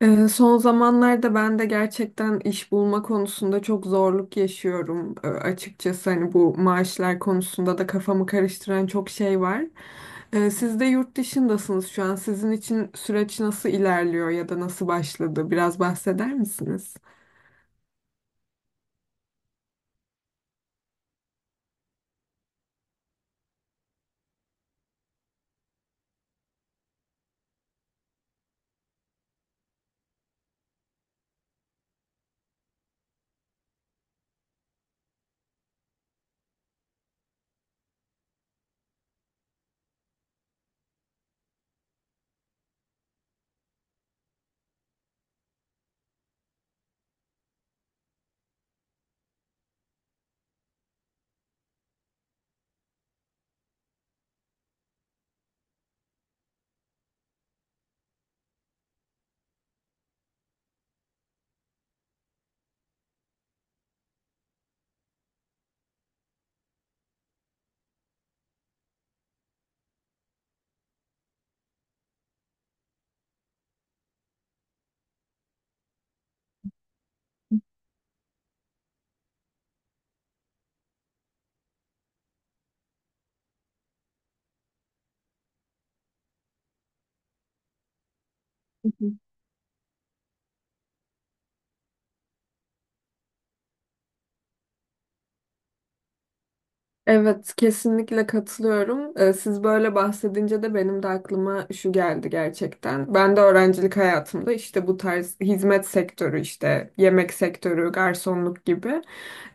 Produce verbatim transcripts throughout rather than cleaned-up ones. Ee, Son zamanlarda ben de gerçekten iş bulma konusunda çok zorluk yaşıyorum. Ee, Açıkçası hani bu maaşlar konusunda da kafamı karıştıran çok şey var. Ee, Siz de yurt dışındasınız şu an. Sizin için süreç nasıl ilerliyor ya da nasıl başladı? Biraz bahseder misiniz? Hı hı. Evet, kesinlikle katılıyorum. Ee, Siz böyle bahsedince de benim de aklıma şu geldi gerçekten. Ben de öğrencilik hayatımda işte bu tarz hizmet sektörü işte yemek sektörü, garsonluk gibi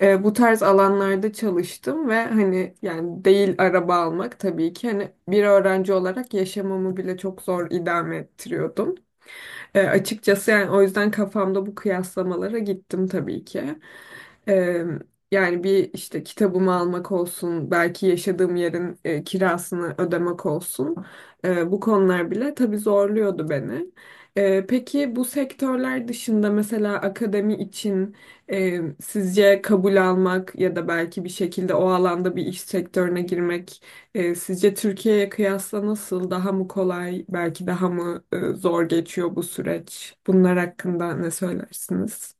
E, bu tarz alanlarda çalıştım ve hani yani değil araba almak tabii ki hani bir öğrenci olarak yaşamamı bile çok zor idame ettiriyordum. E, açıkçası yani o yüzden kafamda bu kıyaslamalara gittim tabii ki. Eee, Yani bir işte kitabımı almak olsun, belki yaşadığım yerin e, kirasını ödemek olsun. Eee, bu konular bile tabii zorluyordu beni. Eee, peki bu sektörler dışında mesela akademi için e, sizce kabul almak ya da belki bir şekilde o alanda bir iş sektörüne girmek e, sizce Türkiye'ye kıyasla nasıl daha mı kolay, belki daha mı e, zor geçiyor bu süreç? Bunlar hakkında ne söylersiniz?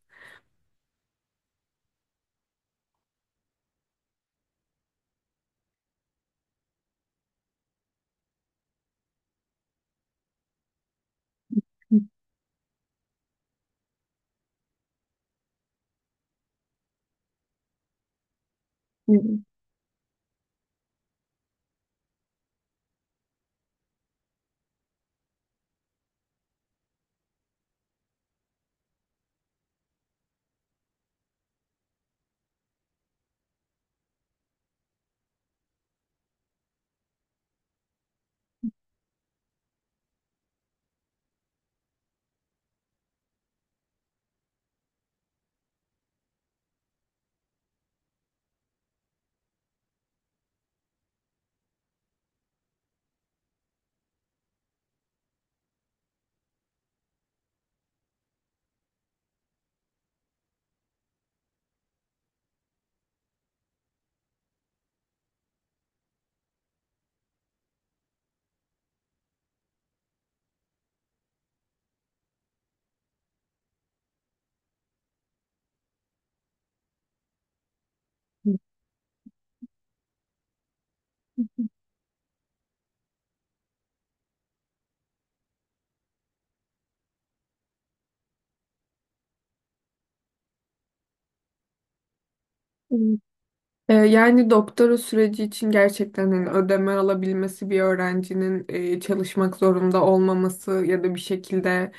E, Yani doktora süreci için gerçekten hani ödeme alabilmesi bir öğrencinin e, çalışmak zorunda olmaması ya da bir şekilde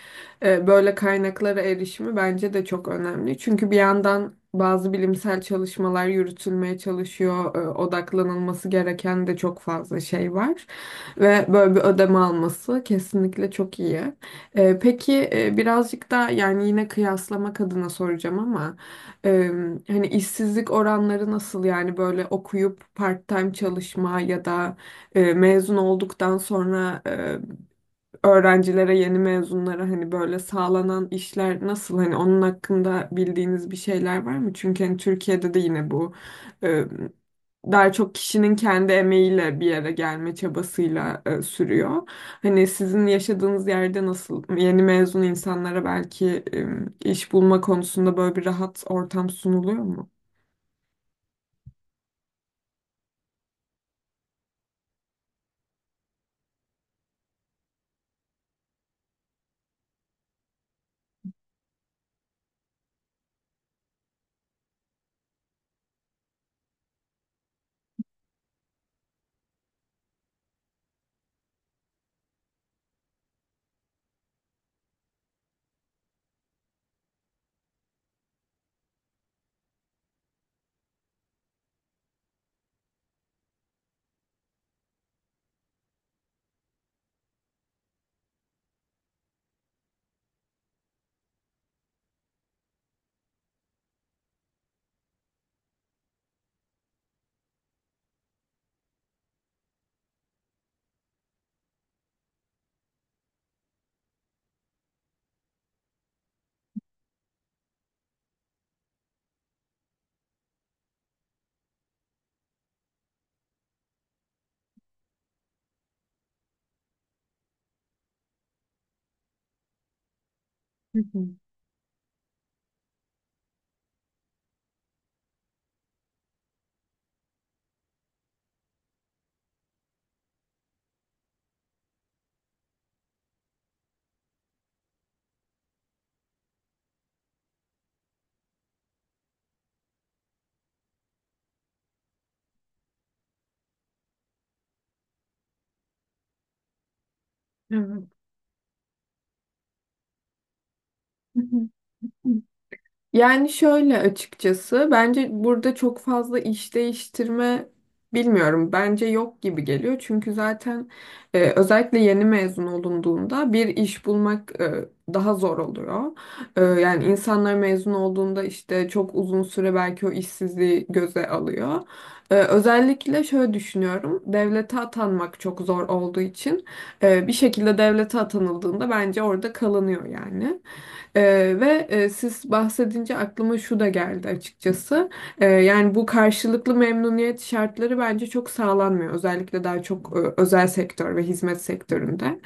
e, böyle kaynaklara erişimi bence de çok önemli. Çünkü bir yandan bazı bilimsel çalışmalar yürütülmeye çalışıyor. e, Odaklanılması gereken de çok fazla şey var. Ve böyle bir ödeme alması kesinlikle çok iyi. E, Peki e, birazcık da yani yine kıyaslamak adına soracağım ama Eee, hani işsizlik oranları nasıl yani böyle okuyup part-time çalışma ya da eee, mezun olduktan sonra öğrencilere, yeni mezunlara hani böyle sağlanan işler nasıl? Hani onun hakkında bildiğiniz bir şeyler var mı? Çünkü hani Türkiye'de de yine bu e, daha çok kişinin kendi emeğiyle bir yere gelme çabasıyla e, sürüyor. Hani sizin yaşadığınız yerde nasıl yeni mezun insanlara belki e, iş bulma konusunda böyle bir rahat ortam sunuluyor mu? Hı hı. Evet. Hı hı. Yani şöyle açıkçası bence burada çok fazla iş değiştirme bilmiyorum. Bence yok gibi geliyor. Çünkü zaten e, özellikle yeni mezun olunduğunda bir iş bulmak e, daha zor oluyor. E, yani insanlar mezun olduğunda işte çok uzun süre belki o işsizliği göze alıyor. E, özellikle şöyle düşünüyorum. Devlete atanmak çok zor olduğu için e, bir şekilde devlete atanıldığında bence orada kalınıyor yani. Ee, ve e, siz bahsedince aklıma şu da geldi açıkçası. Ee, yani bu karşılıklı memnuniyet şartları bence çok sağlanmıyor. Özellikle daha çok e, özel sektör ve hizmet sektöründe.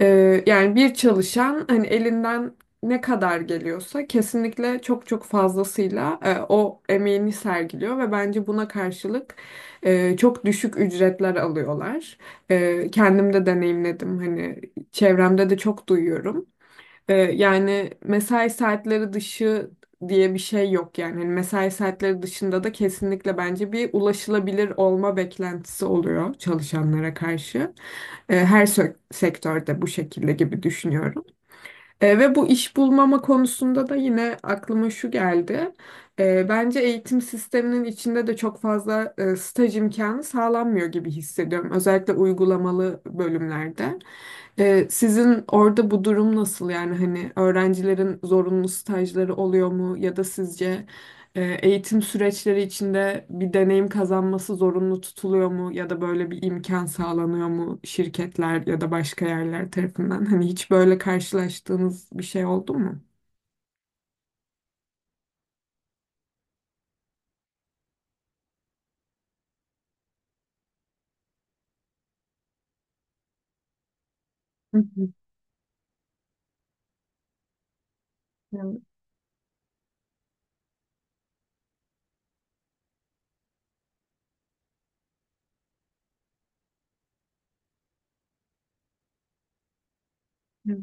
Ee, yani bir çalışan hani elinden ne kadar geliyorsa kesinlikle çok çok fazlasıyla e, o emeğini sergiliyor ve bence buna karşılık e, çok düşük ücretler alıyorlar. E, kendim de deneyimledim hani çevremde de çok duyuyorum. Ee, yani mesai saatleri dışı diye bir şey yok yani. Hani mesai saatleri dışında da kesinlikle bence bir ulaşılabilir olma beklentisi oluyor çalışanlara karşı. Ee, her sö- sektörde bu şekilde gibi düşünüyorum. E, ve bu iş bulmama konusunda da yine aklıma şu geldi. E, bence eğitim sisteminin içinde de çok fazla e, staj imkanı sağlanmıyor gibi hissediyorum. Özellikle uygulamalı bölümlerde. E, sizin orada bu durum nasıl? Yani hani öğrencilerin zorunlu stajları oluyor mu? Ya da sizce e, eğitim süreçleri içinde bir deneyim kazanması zorunlu tutuluyor mu ya da böyle bir imkan sağlanıyor mu şirketler ya da başka yerler tarafından? Hani hiç böyle karşılaştığınız bir şey oldu mu? Hı hı. Evet.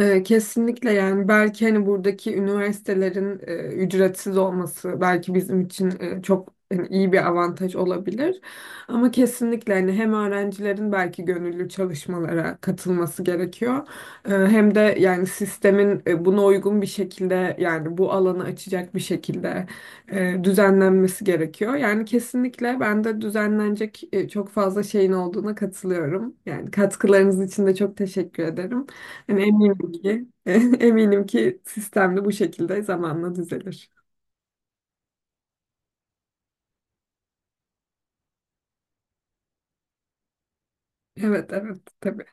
Ee, kesinlikle yani belki hani buradaki üniversitelerin e, ücretsiz olması belki bizim için e, çok hani iyi bir avantaj olabilir. Ama kesinlikle hani hem öğrencilerin belki gönüllü çalışmalara katılması gerekiyor. Ee, hem de yani sistemin e, buna uygun bir şekilde yani bu alanı açacak bir şekilde e, düzenlenmesi gerekiyor. Yani kesinlikle ben de düzenlenecek e, çok fazla şeyin olduğuna katılıyorum. Yani katkılarınız için de çok teşekkür ederim. Yani eminim ki, eminim ki sistemli bu şekilde zamanla düzelir. Evet, evet, tabii.